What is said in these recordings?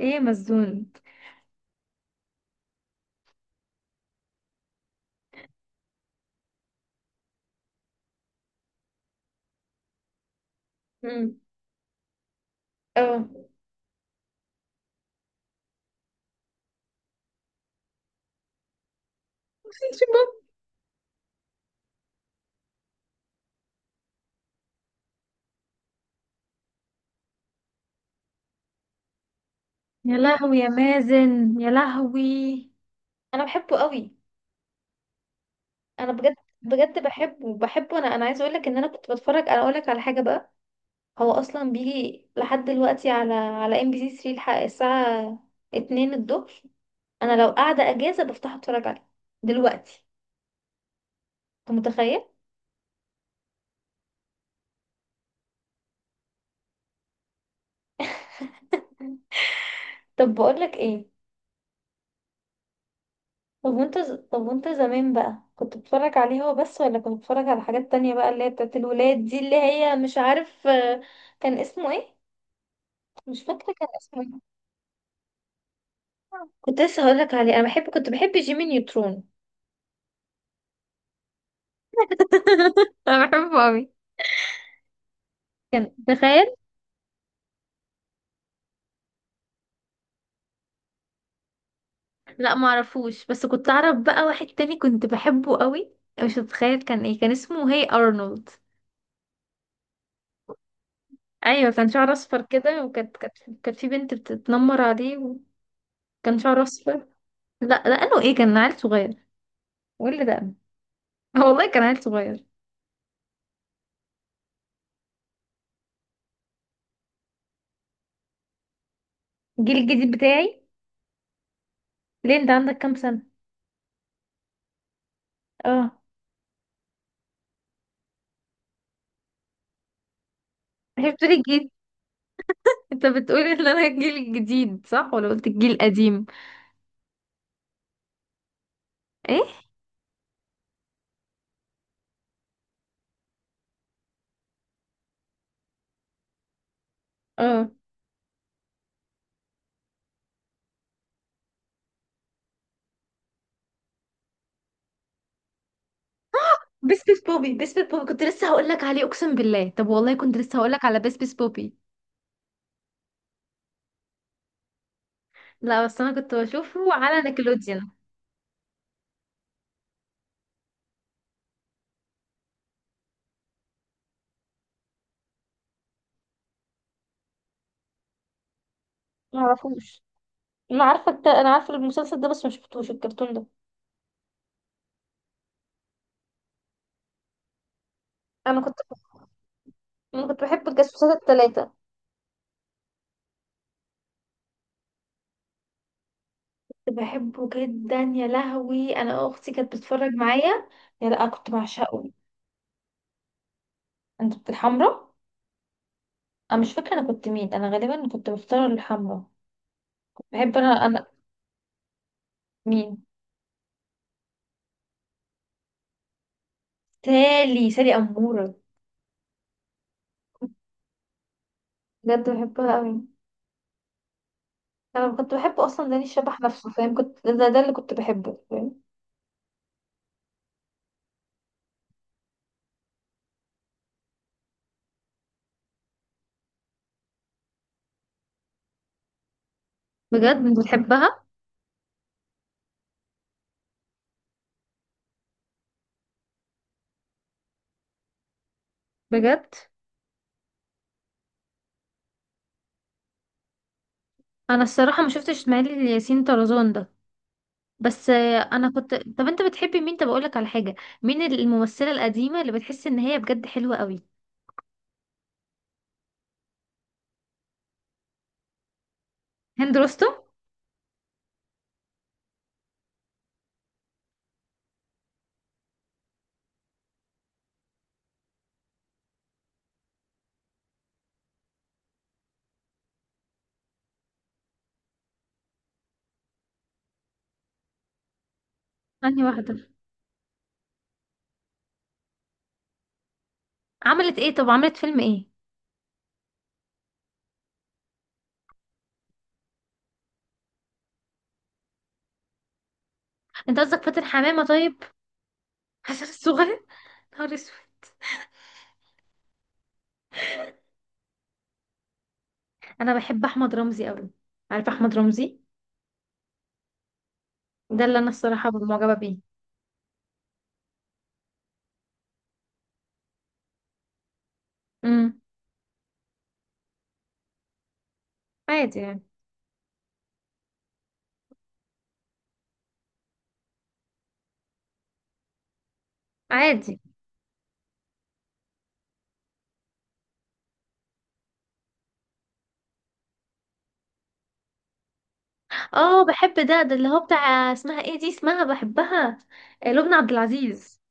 ايه مسجون. امم اه شباب. يا لهوي يا مازن يا لهوي، انا بحبه قوي. انا بجد، بجد بحبه انا عايزه اقول لك ان انا كنت بتفرج. انا اقول لك على حاجه بقى. هو اصلا بيجي لحد دلوقتي على ام بي سي 3، الحق الساعه 2 الظهر. انا لو قاعده اجازه بفتح اتفرج عليه دلوقتي. انت متخيل؟ طب بقول لك ايه؟ طب طب وانت زمان بقى كنت بتتفرج عليه هو بس ولا كنت بتتفرج على حاجات تانية بقى اللي هي بتاعت الولاد دي اللي هي مش عارف آه، كان اسمه ايه؟ مش فاكرة كان اسمه ايه. كنت لسه هقولك عليه، انا بحب، كنت بحب جيمي نيوترون. انا بحبه قوي. كان تخيل. لا ما اعرفوش، بس كنت اعرف بقى واحد تاني كنت بحبه قوي، مش هتخيل كان ايه، كان اسمه هي ارنولد. ايوه كان شعره اصفر كده وكانت كانت كانت في بنت بتتنمر عليه، وكان شعره اصفر. لا لانه ايه كان عيل صغير واللي ده آه والله كان عيل صغير. الجيل الجديد بتاعي؟ ليه، انت عندك كام سنة؟ اه. هي بتقولي الجيل، انت بتقولي ان انا الجيل الجديد صح ولا قلت الجيل القديم؟ ايه؟ اه. بس بس بوبي، بس بس بوبي، كنت لسه هقول لك عليه، اقسم بالله. طب والله كنت لسه هقول لك على بس بس بوبي. لا بس انا كنت بشوفه على نيكلوديان. ما اعرفوش. انا عارفه انا عارفه المسلسل ده بس ما شفتوش الكرتون ده. انا كنت انا كنت بحب الجاسوسات الثلاثه. كنت بحبه جدا يا لهوي، انا اختي كانت بتتفرج معايا. يا لا كنت بعشقه. انت كنت الحمرا. انا مش فاكره انا كنت مين، انا غالبا كنت بختار الحمرا. بحب. انا انا مين سالي، سالي اموره. بجد بحبها قوي. انا كنت بحب اصلا داني الشبح نفسه، فاهم؟ كنت ده اللي كنت بحبه، فاهم. بجد انت بتحبها. بجد انا الصراحه ما شفتش اسماعيل ياسين طرزان ده. بس انا كنت. طب انت بتحبي مين؟ طب اقول لك على حاجه، مين الممثله القديمه اللي بتحس ان هي بجد حلوه قوي؟ هند رستم. انهي واحدة؟ عملت ايه؟ طب عملت فيلم ايه؟ انت قصدك فاتن حمامة؟ طيب. حسن الصغير. نهار اسود. انا بحب احمد رمزي قوي، عارف احمد رمزي؟ ده اللي انا الصراحة معجبة بيه. امم. عادي يعني. عادي. اه بحب ده، ده اللي هو بتاع اسمها ايه دي، اسمها بحبها، آه، لبنى عبد العزيز.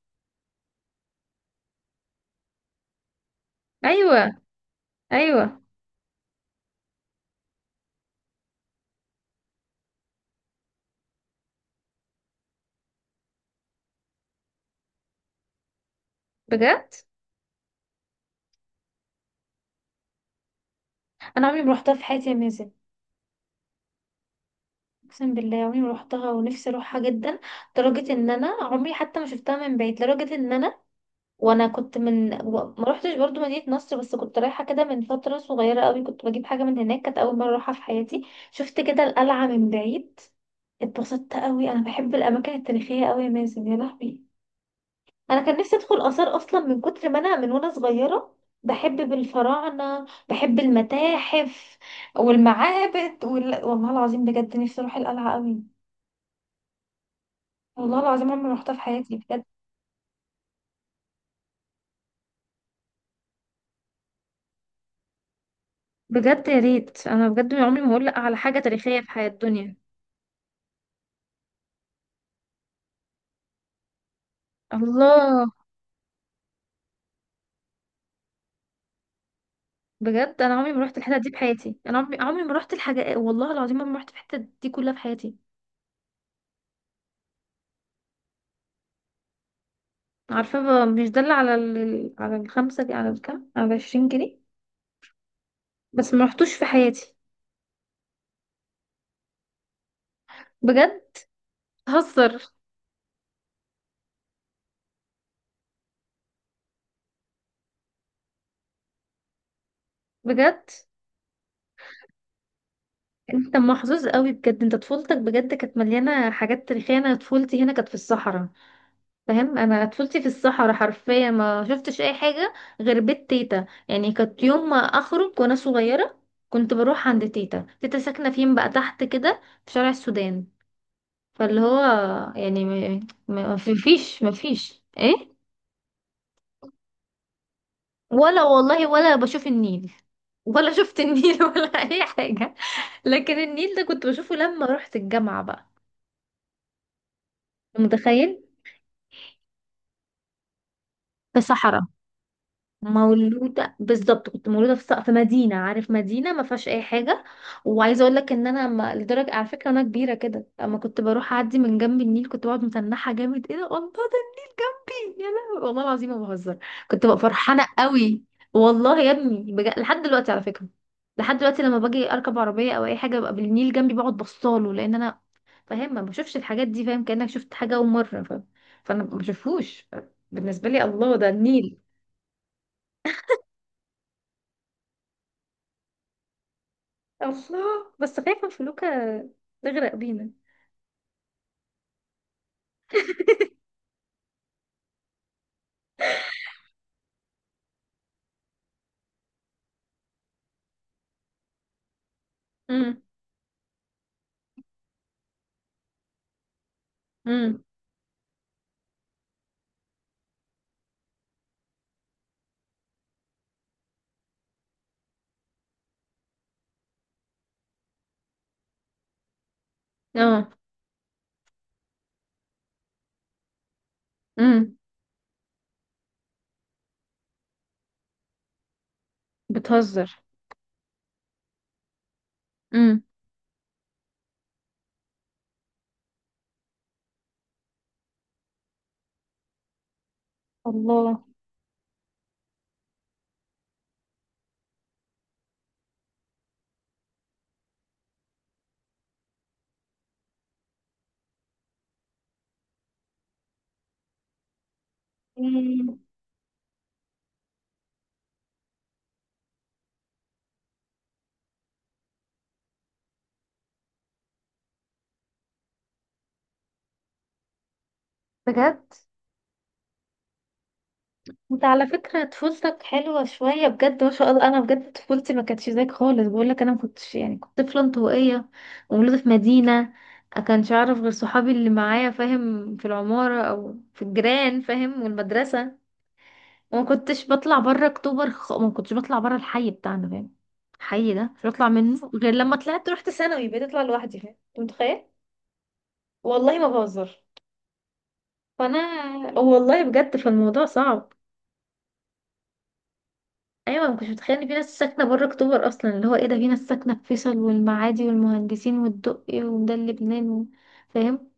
ايوه. ايوه. بجد، انا عمري ما روحتها في حياتي يا مازن. اقسم بالله عمري ما روحتها ونفسي اروحها جدا. لدرجة ان انا عمري حتى ما شفتها من بعيد، لدرجة ان انا وانا كنت من و- ما روحتش برضو مدينة نصر. بس كنت رايحة كده من فترة صغيرة قوي، كنت بجيب حاجة من هناك، كانت اول مرة اروحها في حياتي. شفت كده القلعة من بعيد. اتبسطت قوي، انا بحب الاماكن التاريخية قوي يا مازن يا لهوي. انا كان نفسي ادخل اثار اصلا، من كتر ما انا من وانا صغيرة بحب بالفراعنة، بحب المتاحف والمعابد والله العظيم بجد نفسي اروح القلعة قوي. والله العظيم عمري ما روحتها في حياتي بجد. بجد يا ريت. انا بجد عمري ما هقول لا على حاجه تاريخيه في حياه الدنيا. الله. بجد انا عمري ما رحت الحتت دي في حياتي، انا عمري عمري ما رحت الحاجه، والله العظيم عمري ما رحت في الحتت دي كلها في حياتي. عارفه بقى، مش ده اللي على على الخمسه دي، على على 20 جنيه؟ بس ما رحتوش في حياتي. بجد؟ هزر. بجد انت محظوظ قوي، بجد انت طفولتك بجد كانت مليانه حاجات تاريخيه. انا طفولتي هنا كانت في الصحراء، فاهم؟ انا طفولتي في الصحراء حرفيا ما شفتش اي حاجه غير بيت تيتا. يعني كانت يوم ما اخرج وانا صغيره كنت بروح عند تيتا. تيتا ساكنه فين بقى؟ تحت كده في شارع السودان. فاللي هو يعني ما فيش ايه. ولا والله ولا بشوف النيل، ولا شفت النيل ولا اي حاجه. لكن النيل ده كنت بشوفه لما رحت الجامعه بقى. متخيل؟ في صحراء. مولودة بالظبط، كنت مولودة في في مدينة، عارف، مدينة ما فيهاش أي حاجة. وعايزة أقول لك إن أنا ما... لدرجة، على فكرة أنا كبيرة كده أما كنت بروح أعدي من جنب النيل كنت بقعد متنحة جامد، إيه ده، الله ده النيل جنبي يا لهوي، والله العظيم ما بهزر. كنت ببقى فرحانة قوي. والله يا ابني لحد دلوقتي على فكرة، لحد دلوقتي لما باجي أركب عربية أو أي حاجة ببقى بالنيل جنبي بقعد بصاله، لأن أنا فاهم ما بشوفش الحاجات دي، فاهم كأنك شفت حاجة أول مرة، فاهم؟ فأنا ما بشوفهوش، بالنسبة لي الله ده النيل. الله. بس خايفة فلوكة تغرق بينا. امم. امم. اه. امم. بتهزر. امم. الله. مم. بجد، انت على فكرة طفولتك حلوة شوية بجد ما شاء الله. انا بجد طفولتي ما كانتش زيك خالص، بقولك انا ما كنتش يعني كنت طفلة انطوائية، ومولودة في مدينة، ما كانش اعرف غير صحابي اللي معايا فاهم، في العمارة او في الجيران فاهم والمدرسة. وما كنتش بطلع بره اكتوبر، ما كنتش بطلع بره الحي بتاعنا، فاهم؟ الحي ده مش بطلع منه غير لما طلعت رحت ثانوي بقيت اطلع لوحدي، فاهم، انت متخيل؟ والله ما بهزر. فانا والله بجد فالموضوع صعب. ايوه ما كنتش متخيل ان في ناس ساكنه بره اكتوبر اصلا، اللي هو ايه ده، في ناس ساكنه في فيصل والمعادي والمهندسين والدقي وده لبنان فاهم.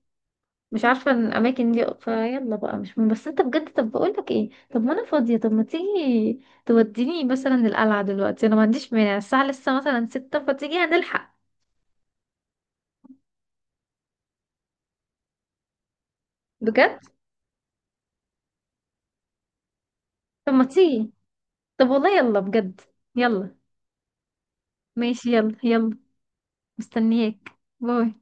مش عارفة الأماكن دي، فيلا بقى مش مهم. بس أنت بجد، طب بقولك إيه، طب ما أنا فاضية، طب ما تيجي توديني مثلا القلعة دلوقتي؟ أنا ما عنديش مانع. الساعة لسه مثلا 6 فتيجي هنلحق. بجد؟ طب ما تيجي. طب والله يلا بجد. يلا. ماشي يلا يلا. مستنياك. باي.